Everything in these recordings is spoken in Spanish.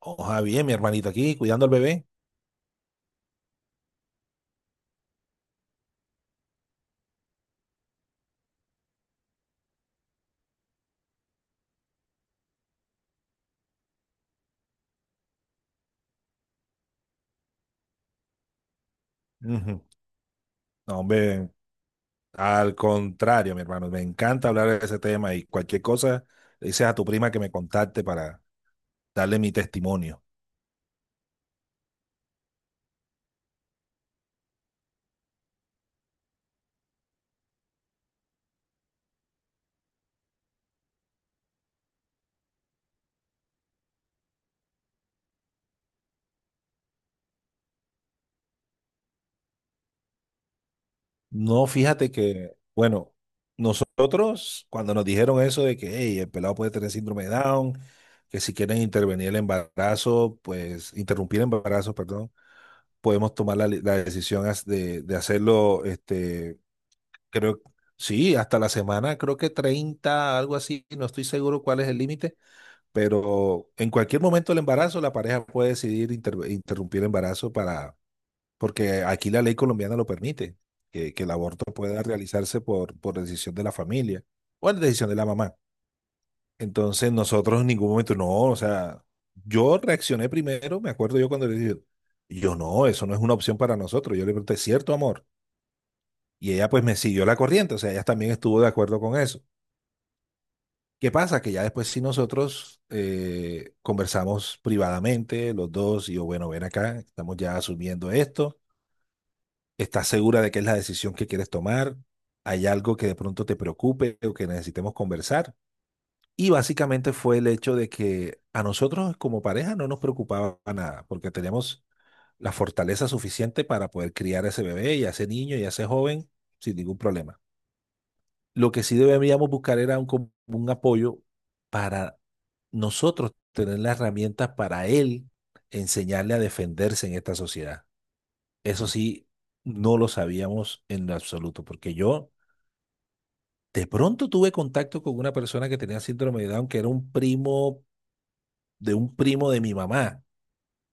Ojalá bien, mi hermanito aquí, cuidando al bebé. Ujú. No, hombre, al contrario, mi hermano, me encanta hablar de ese tema y cualquier cosa, le dices a tu prima que me contacte para darle mi testimonio. No, fíjate que, bueno, nosotros cuando nos dijeron eso de que "Hey, el pelado puede tener síndrome de Down, que si quieren intervenir el embarazo, pues interrumpir el embarazo, perdón, podemos tomar la decisión de hacerlo, creo, sí, hasta la semana, creo que 30 algo así, no estoy seguro cuál es el límite, pero en cualquier momento del embarazo la pareja puede decidir interrumpir el embarazo para porque aquí la ley colombiana lo permite, que el aborto pueda realizarse por decisión de la familia o la decisión de la mamá. Entonces nosotros en ningún momento, no, o sea, yo reaccioné primero, me acuerdo yo cuando le dije, yo no, eso no es una opción para nosotros, yo le pregunté, ¿cierto amor? Y ella pues me siguió la corriente, o sea, ella también estuvo de acuerdo con eso. ¿Qué pasa? Que ya después si nosotros conversamos privadamente los dos y yo, bueno, ven acá, estamos ya asumiendo esto. ¿Estás segura de que es la decisión que quieres tomar? ¿Hay algo que de pronto te preocupe o que necesitemos conversar? Y básicamente fue el hecho de que a nosotros como pareja no nos preocupaba nada, porque teníamos la fortaleza suficiente para poder criar a ese bebé y a ese niño y a ese joven sin ningún problema. Lo que sí debíamos buscar era un apoyo para nosotros tener las herramientas para él enseñarle a defenderse en esta sociedad. Eso sí, no lo sabíamos en lo absoluto, porque yo de pronto tuve contacto con una persona que tenía síndrome de Down, que era un primo de mi mamá.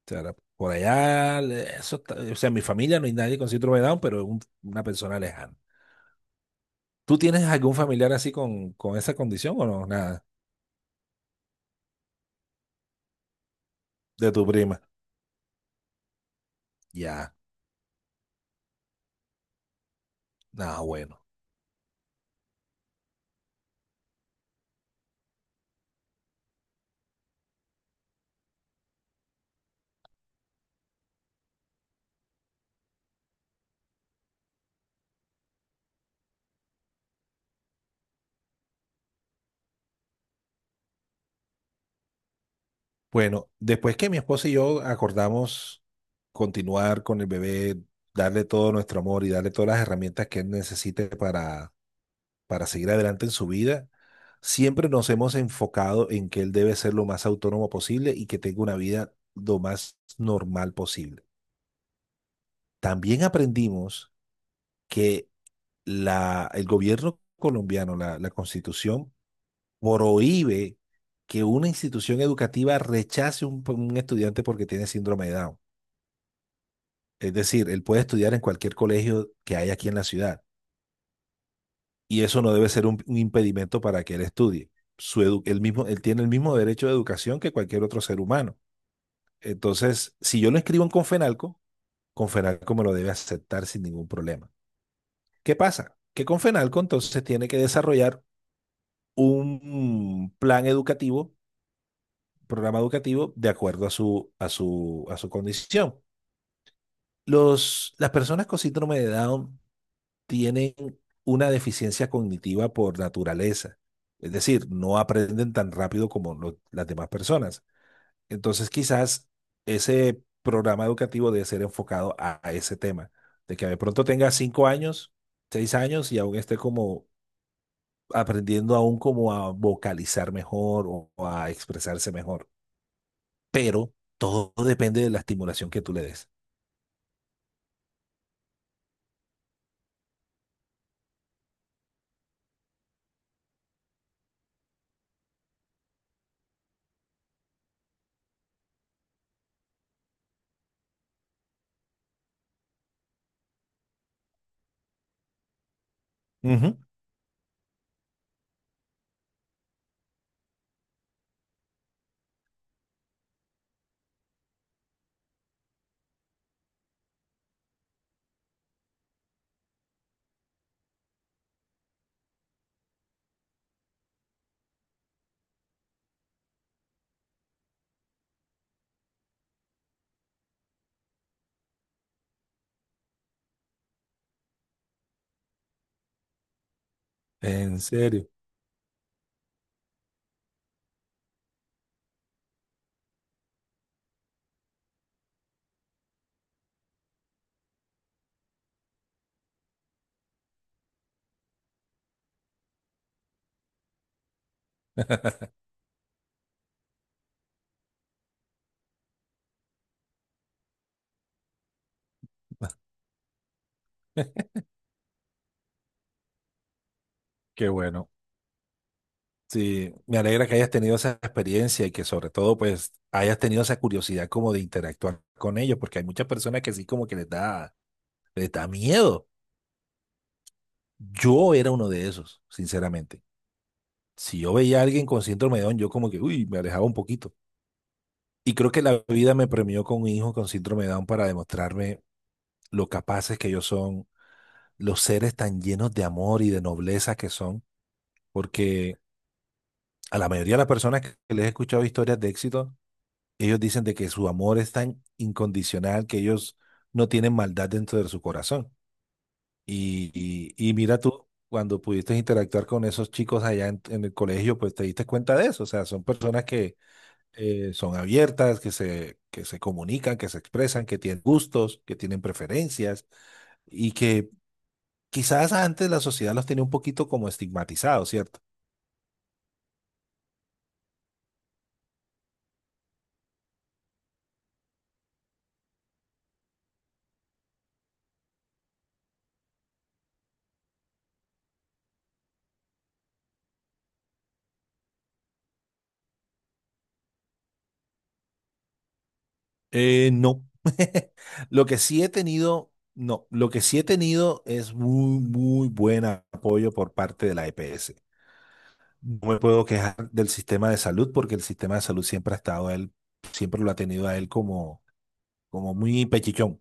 O sea, era por allá, eso o sea, en mi familia no hay nadie con síndrome de Down, pero es una persona lejana. ¿Tú tienes algún familiar así con esa condición o no? Nada, de tu prima. Ya, nada, bueno. Bueno, después que mi esposa y yo acordamos continuar con el bebé, darle todo nuestro amor y darle todas las herramientas que él necesite para seguir adelante en su vida, siempre nos hemos enfocado en que él debe ser lo más autónomo posible y que tenga una vida lo más normal posible. También aprendimos que el gobierno colombiano, la constitución, prohíbe que una institución educativa rechace un estudiante porque tiene síndrome de Down. Es decir, él puede estudiar en cualquier colegio que hay aquí en la ciudad y eso no debe ser un impedimento para que él estudie. Él mismo, él tiene el mismo derecho de educación que cualquier otro ser humano. Entonces, si yo lo inscribo en Confenalco, Confenalco me lo debe aceptar sin ningún problema. ¿Qué pasa? Que Confenalco entonces tiene que desarrollar un plan educativo, programa educativo, de acuerdo a su condición. Las personas con síndrome de Down tienen una deficiencia cognitiva por naturaleza. Es decir, no aprenden tan rápido como las demás personas. Entonces, quizás ese programa educativo debe ser enfocado a ese tema, de que de pronto tenga 5 años, 6 años y aún esté como aprendiendo aún como a vocalizar mejor o a expresarse mejor. Pero todo depende de la estimulación que tú le des. Ujú. En serio. Qué bueno. Sí, me alegra que hayas tenido esa experiencia y que sobre todo pues hayas tenido esa curiosidad como de interactuar con ellos, porque hay muchas personas que sí como que les da miedo. Yo era uno de esos, sinceramente. Si yo veía a alguien con síndrome de Down, yo como que, uy, me alejaba un poquito. Y creo que la vida me premió con un hijo con síndrome de Down para demostrarme lo capaces que ellos son, los seres tan llenos de amor y de nobleza que son, porque a la mayoría de las personas que les he escuchado historias de éxito, ellos dicen de que su amor es tan incondicional que ellos no tienen maldad dentro de su corazón. Y, y mira tú, cuando pudiste interactuar con esos chicos allá en el colegio, pues te diste cuenta de eso. O sea, son personas que son abiertas, que se comunican, que se expresan, que tienen gustos, que tienen preferencias y que quizás antes la sociedad los tenía un poquito como estigmatizados, ¿cierto? No. Lo que sí he tenido, no, Lo que sí he tenido es muy, muy buen apoyo por parte de la EPS. No me puedo quejar del sistema de salud porque el sistema de salud siempre ha estado a él, siempre lo ha tenido a él como, como muy pechichón.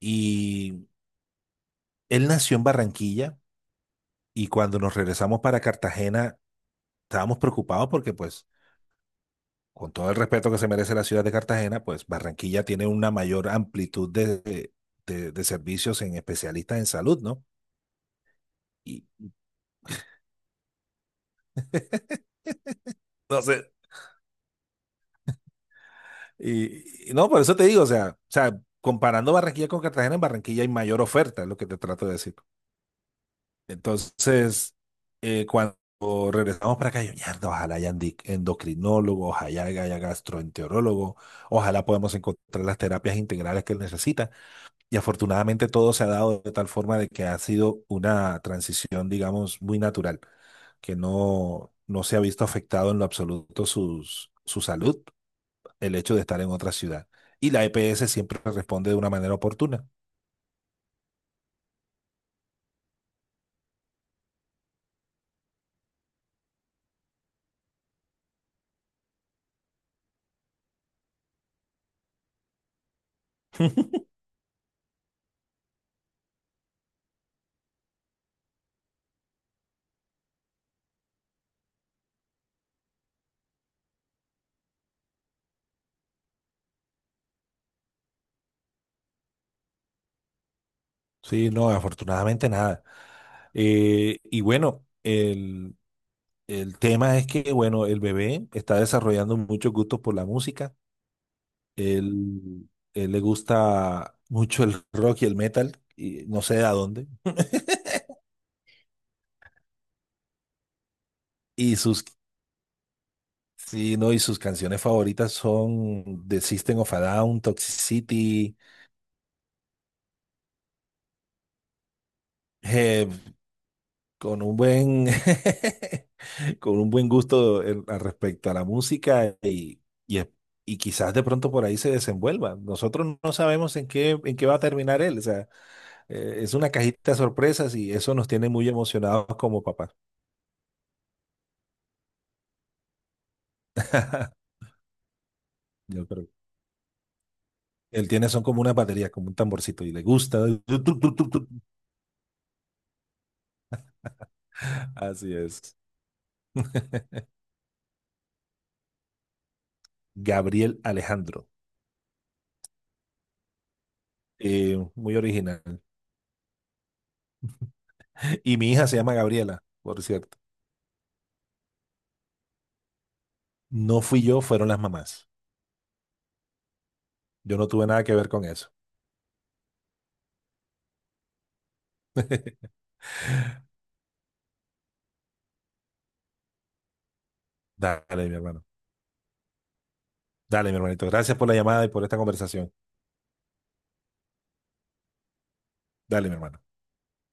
Y él nació en Barranquilla y cuando nos regresamos para Cartagena estábamos preocupados porque pues con todo el respeto que se merece la ciudad de Cartagena, pues Barranquilla tiene una mayor amplitud de servicios en especialistas en salud, ¿no? Y No sé. Y no, por eso te digo, comparando Barranquilla con Cartagena, en Barranquilla hay mayor oferta, es lo que te trato de decir. Entonces, cuando regresamos para acá, yo, mierda, ojalá haya endocrinólogos, ojalá haya gastroenterólogo, ojalá podamos encontrar las terapias integrales que él necesita. Y afortunadamente todo se ha dado de tal forma de que ha sido una transición, digamos, muy natural, que no se ha visto afectado en lo absoluto sus, su salud el hecho de estar en otra ciudad. Y la EPS siempre responde de una manera oportuna. Sí, no, afortunadamente nada. Eh, y bueno, el, el tema es que, bueno, el bebé está desarrollando muchos gustos por la música. Él le gusta mucho el rock y el metal, y no sé de a dónde. Y sus, sí, no, Y sus canciones favoritas son The System of a Down, Toxicity, eh, con un buen con un buen gusto al respecto a la música y, es- y quizás de pronto por ahí se desenvuelva. Nosotros no sabemos en qué va a terminar él. O sea, es una cajita de sorpresas y eso nos tiene muy emocionados como papás. Yo creo. Él tiene son como una batería, como un tamborcito y le gusta. Tu, tu, tu, tu, tu. Así es. Gabriel Alejandro. Muy original. Y mi hija se llama Gabriela, por cierto. No fui yo, fueron las mamás. Yo no tuve nada que ver con eso. Dale, mi hermano. Dale, mi hermanito. Gracias por la llamada y por esta conversación. Dale, mi hermano.